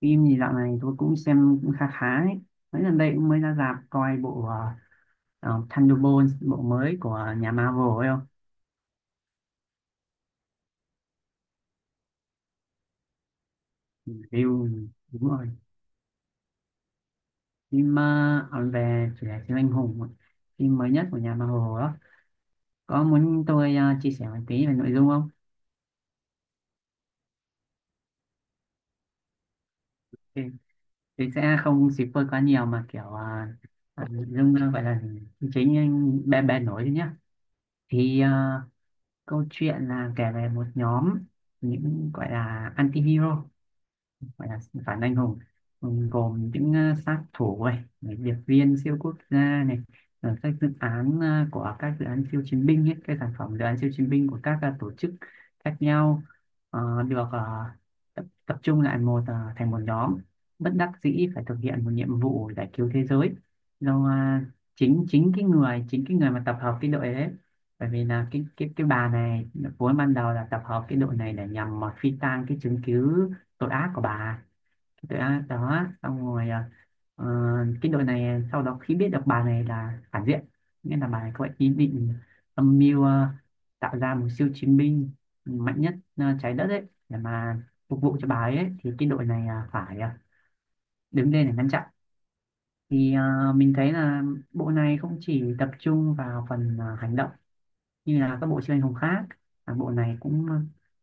Phim gì dạo này tôi cũng xem cũng khá khá ấy. Mấy lần đây cũng mới ra rạp coi bộ Thunderbolts, bộ mới của nhà Marvel ấy không. Ừ, review đúng rồi, phim về chủ đề siêu anh hùng ấy. Phim mới nhất của nhà Marvel đó. Có muốn tôi chia sẻ một tí về nội dung không? thì, thì sẽ không spoil quá nhiều mà kiểu nội dung gọi là chính bè bè nổi thôi nhá. Thì câu chuyện là kể về một nhóm những gọi là anti-hero, gọi là phản anh hùng. Ừ, gồm những sát thủ này, này điệp viên siêu quốc gia này, các dự án ờ, của các dự án siêu chiến binh ấy, các sản phẩm dự án siêu chiến binh của các tổ chức khác nhau, ờ, được ờ, tập trung lại một thành một nhóm bất đắc dĩ phải thực hiện một nhiệm vụ giải cứu thế giới do chính chính cái người mà tập hợp cái đội đấy. Bởi vì là cái bà này vốn ban đầu là tập hợp cái đội này để nhằm mà phi tang cái chứng cứ tội ác của bà, tội ác đó. Xong rồi ờ, cái đội này sau đó khi biết được bà này là phản diện nên là bà này có ý định âm mưu tạo ra một siêu chiến binh mạnh nhất trái đất ấy để mà phục vụ cho bà ấy, thì cái đội này à, phải à, đứng lên để ngăn chặn. Thì à, mình thấy là bộ này không chỉ tập trung vào phần à, hành động như là các bộ chuyên ngành khác, à, bộ này cũng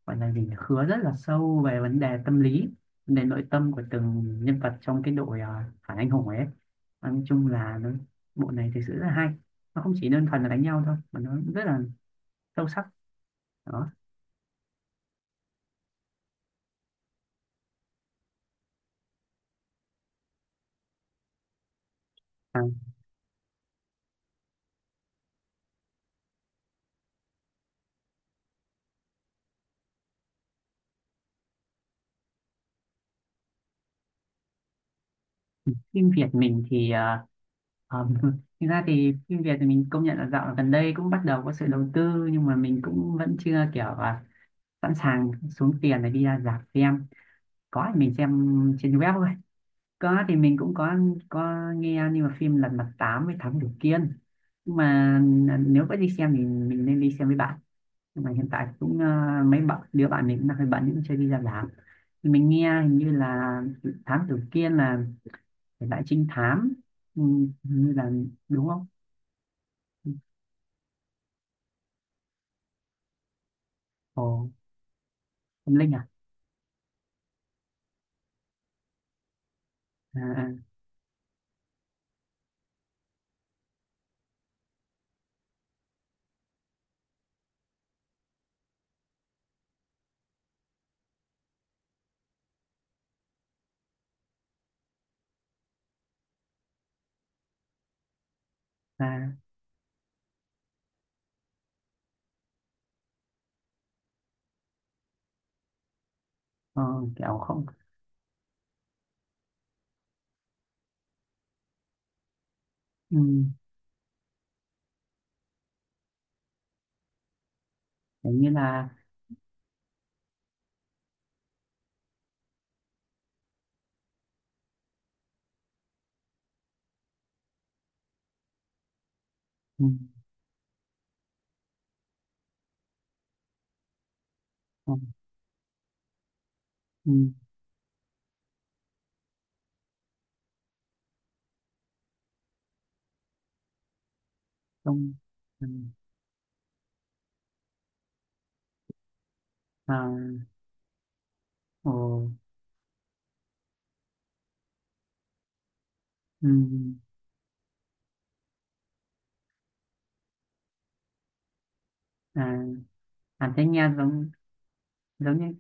gọi là gì nhỉ? Khứa rất là sâu về vấn đề tâm lý, vấn đề nội tâm của từng nhân vật trong cái đội phản anh hùng ấy. Và nói chung là bộ này thực sự rất là hay, nó không chỉ đơn thuần là đánh nhau thôi mà nó rất là sâu sắc đó. À, phim Việt mình thì ờ, thực ra thì phim Việt thì mình công nhận là dạo gần đây cũng bắt đầu có sự đầu tư nhưng mà mình cũng vẫn chưa kiểu sẵn sàng xuống tiền để đi ra rạp xem. Có thì mình xem trên web thôi. Có thì mình cũng có nghe nhưng mà phim Lật Mặt 8 với Thám Tử Kiên. Nhưng mà à, nếu có đi xem thì mình nên đi xem với bạn, nhưng mà hiện tại cũng mấy bạn đứa bạn mình cũng đang hơi bận cũng chưa đi ra làm. Thì mình nghe hình như là Thám Tử Kiên là thể loại trinh thám, ừ, hình như là đúng không. Ồ, tâm linh à. À, à, à, ờ, kiểu không. Ừ, kiểu như là, ừ, ừ, ừ, không, ừ, à, ồ, ừ, à, à thế nghe giống, giống như,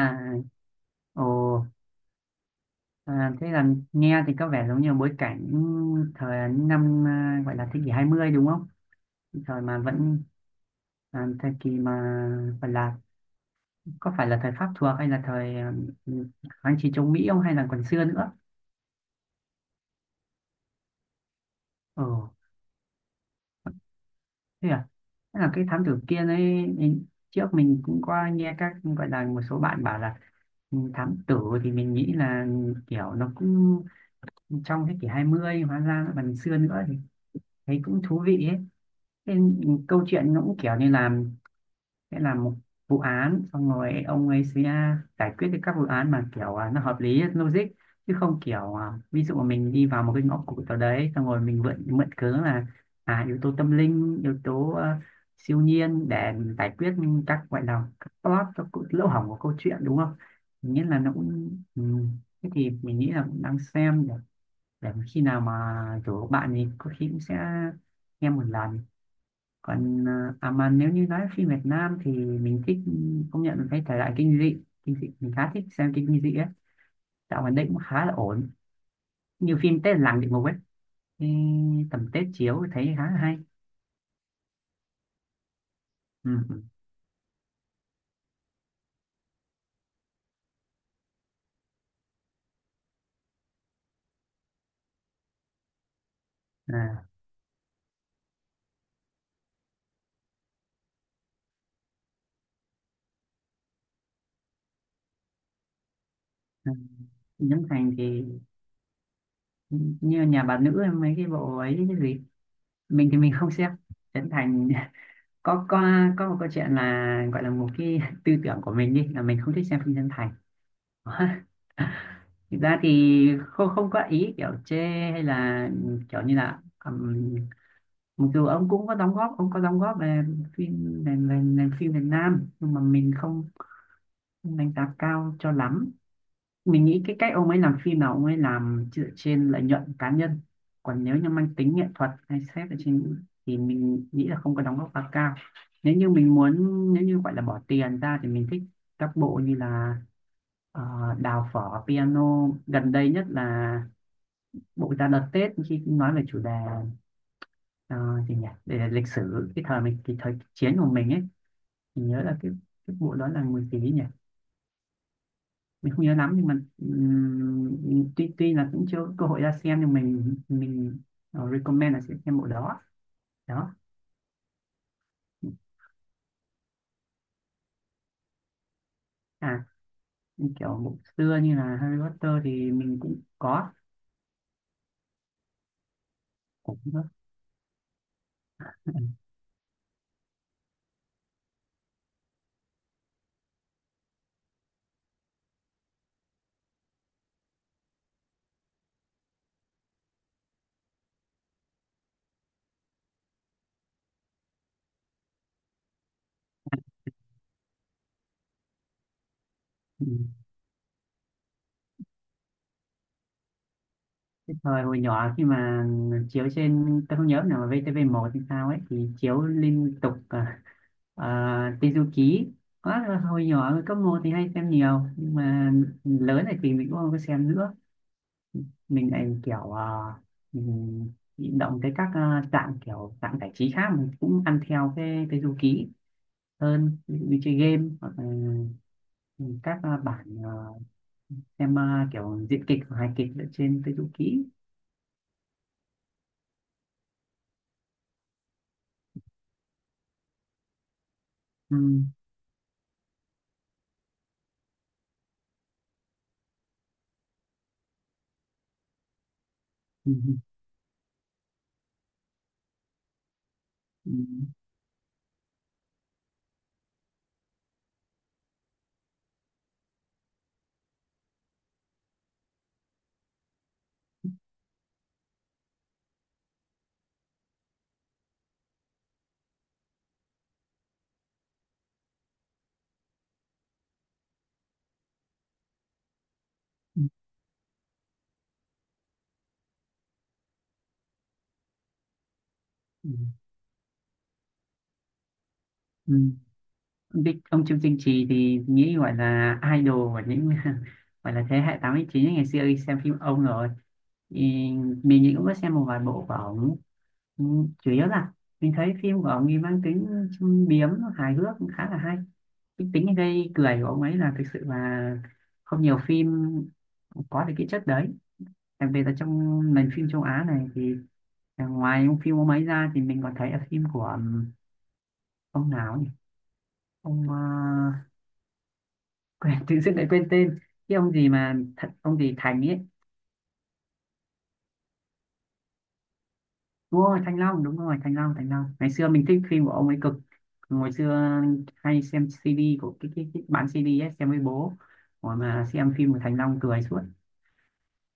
à, ồ. À, thế là nghe thì có vẻ giống như bối cảnh thời năm à, gọi là thế kỷ 20 đúng không? Thời mà vẫn à, thời kỳ mà gọi là có phải là thời Pháp thuộc hay là thời à, ừ, kháng chiến chống Mỹ không, hay là còn xưa nữa? Ồ, thế à. Thế là cái thám tử kia ấy, mình- trước mình cũng có nghe các gọi là một số bạn bảo là, ừ, thám tử thì mình nghĩ là kiểu nó cũng trong thế kỷ hai mươi, hóa ra nó còn xưa nữa, thấy cũng thú vị ấy. Thế câu chuyện nó cũng kiểu như làm, sẽ làm một vụ án xong rồi ông ấy sẽ giải quyết được các vụ án mà kiểu à, nó hợp lý logic chứ không kiểu à, ví dụ mình đi vào một cái ngõ cụt nào đấy xong rồi mình mượn mượn cớ là à, yếu tố tâm linh, yếu tố à, siêu nhiên để giải quyết các gọi là các plot, các lỗ hổng của câu chuyện đúng không. Mình nghĩ là nó cũng, ừ, thế thì mình nghĩ là cũng đang xem để khi nào mà rủ bạn thì có khi cũng sẽ nghe một lần. Còn à, à mà nếu như nói phim Việt Nam thì mình thích, công nhận là cái thể loại kinh dị, kinh dị mình khá thích xem kinh dị á, dạo gần đây cũng khá là ổn, như phim Tết làng địa ngục ấy, thì tầm Tết chiếu thì thấy khá là hay. Ừ, ừ, à, ừ. Trấn Thành thì như nhà bà nữ hay mấy cái bộ ấy, cái gì mình thì mình không xem Trấn Thành. có có có một câu chuyện là gọi là một cái tư tưởng của mình đi là mình không thích xem phim Trấn Thành. Thực ra thì không không có ý kiểu chê hay là kiểu như là mặc dù ông cũng có đóng góp, ông có đóng góp về phim về phim Việt Nam nhưng mà mình không đánh giá cao cho lắm. Mình nghĩ cái cách ông ấy làm phim là ông ấy làm dựa trên lợi nhuận cá nhân, còn nếu như mang tính nghệ thuật hay xét ở trên thì mình nghĩ là không có đóng góp quá cao. Nếu như mình muốn, nếu như gọi là bỏ tiền ra thì mình thích các bộ như là ờ, Đào Phở Piano, gần đây nhất là bộ ra đợt Tết khi nói về chủ đề ờ, gì nhỉ, về lịch sử cái thời mình, cái thời chiến của mình ấy. Mình nhớ là cái bộ đó là người gì nhỉ, mình không nhớ lắm nhưng mà tuy tuy là cũng chưa có cơ hội ra xem nhưng mình recommend là sẽ xem bộ đó. Đó. À, kiểu bộ xưa như là Harry Potter thì mình cũng có, cũng có. Ừ. Cái thời hồi nhỏ khi mà chiếu trên tôi không nhớ nào mà VTV1 thì sao ấy thì chiếu liên tục Tây Du Ký quá, hồi nhỏ cấp một thì hay xem nhiều nhưng mà lớn này thì mình cũng không có xem nữa. Mình lại kiểu à, mình bị động tới các à, dạng kiểu dạng giải trí khác mình cũng ăn theo cái Tây Du Ký hơn, ví dụ như chơi game hoặc là các à, bản à, xem à, kiểu diễn kịch hoặc hài kịch ở trên Tây Du Ký. Ừ, ừ, ừ, ừ. Ừ, ừ. Ông Bích, ông Trương Tinh Trì thì nghĩ gọi là idol của những gọi là thế hệ 89 ấy, ngày xưa đi xem phim ông rồi, thì mình thì cũng có xem một vài bộ của ông. Ừ, chủ yếu là mình thấy phim của ông ấy mang tính châm biếm, hài hước cũng khá là hay. Cái tính gây cười của ông ấy là thực sự là không nhiều phim có được cái chất đấy, đặc biệt là trong nền phim châu Á này. Thì à, ngoài ông phim ông ấy ra thì mình còn thấy ở phim của ông nào nhỉ, ông quên, tự dưng lại quên tên cái ông gì mà, thật, ông gì Thành ấy. Đúng rồi Thanh Long, đúng rồi Thanh Long ngày xưa mình thích phim của ông ấy cực. Ngày xưa hay xem CD của cái bán CD ấy, xem với bố rồi mà xem phim của Thành Long cười suốt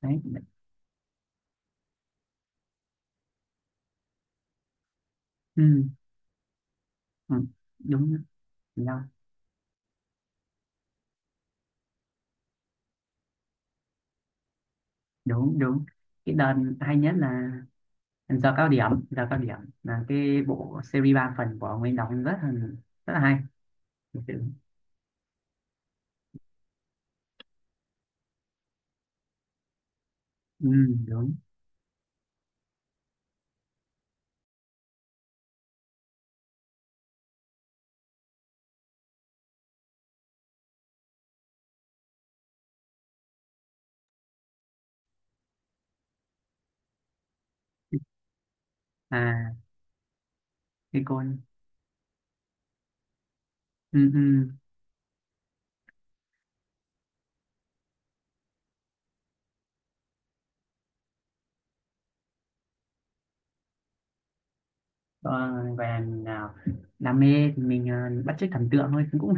đấy. Ừ, ừ, đúng, Thành Long, đúng, đúng. Cái đợt hay nhất là Giờ Cao Điểm, Giờ Cao Điểm là cái bộ series 3 phần của ông ấy đóng rất là hay thực sự. Ừ, đúng, à cái cô, ừ, ừ. Ờ, gọi là mình nào đam mê thì mình bắt chước thần tượng thôi cũng cũng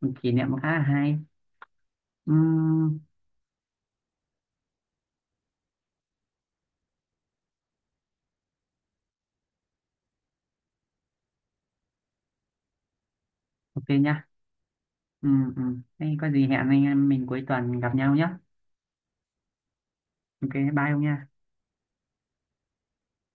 một kỷ niệm khá là hay. Ừm, ok nha. Thế có gì hẹn anh em mình cuối tuần gặp nhau nhé. Ok bye ông nha.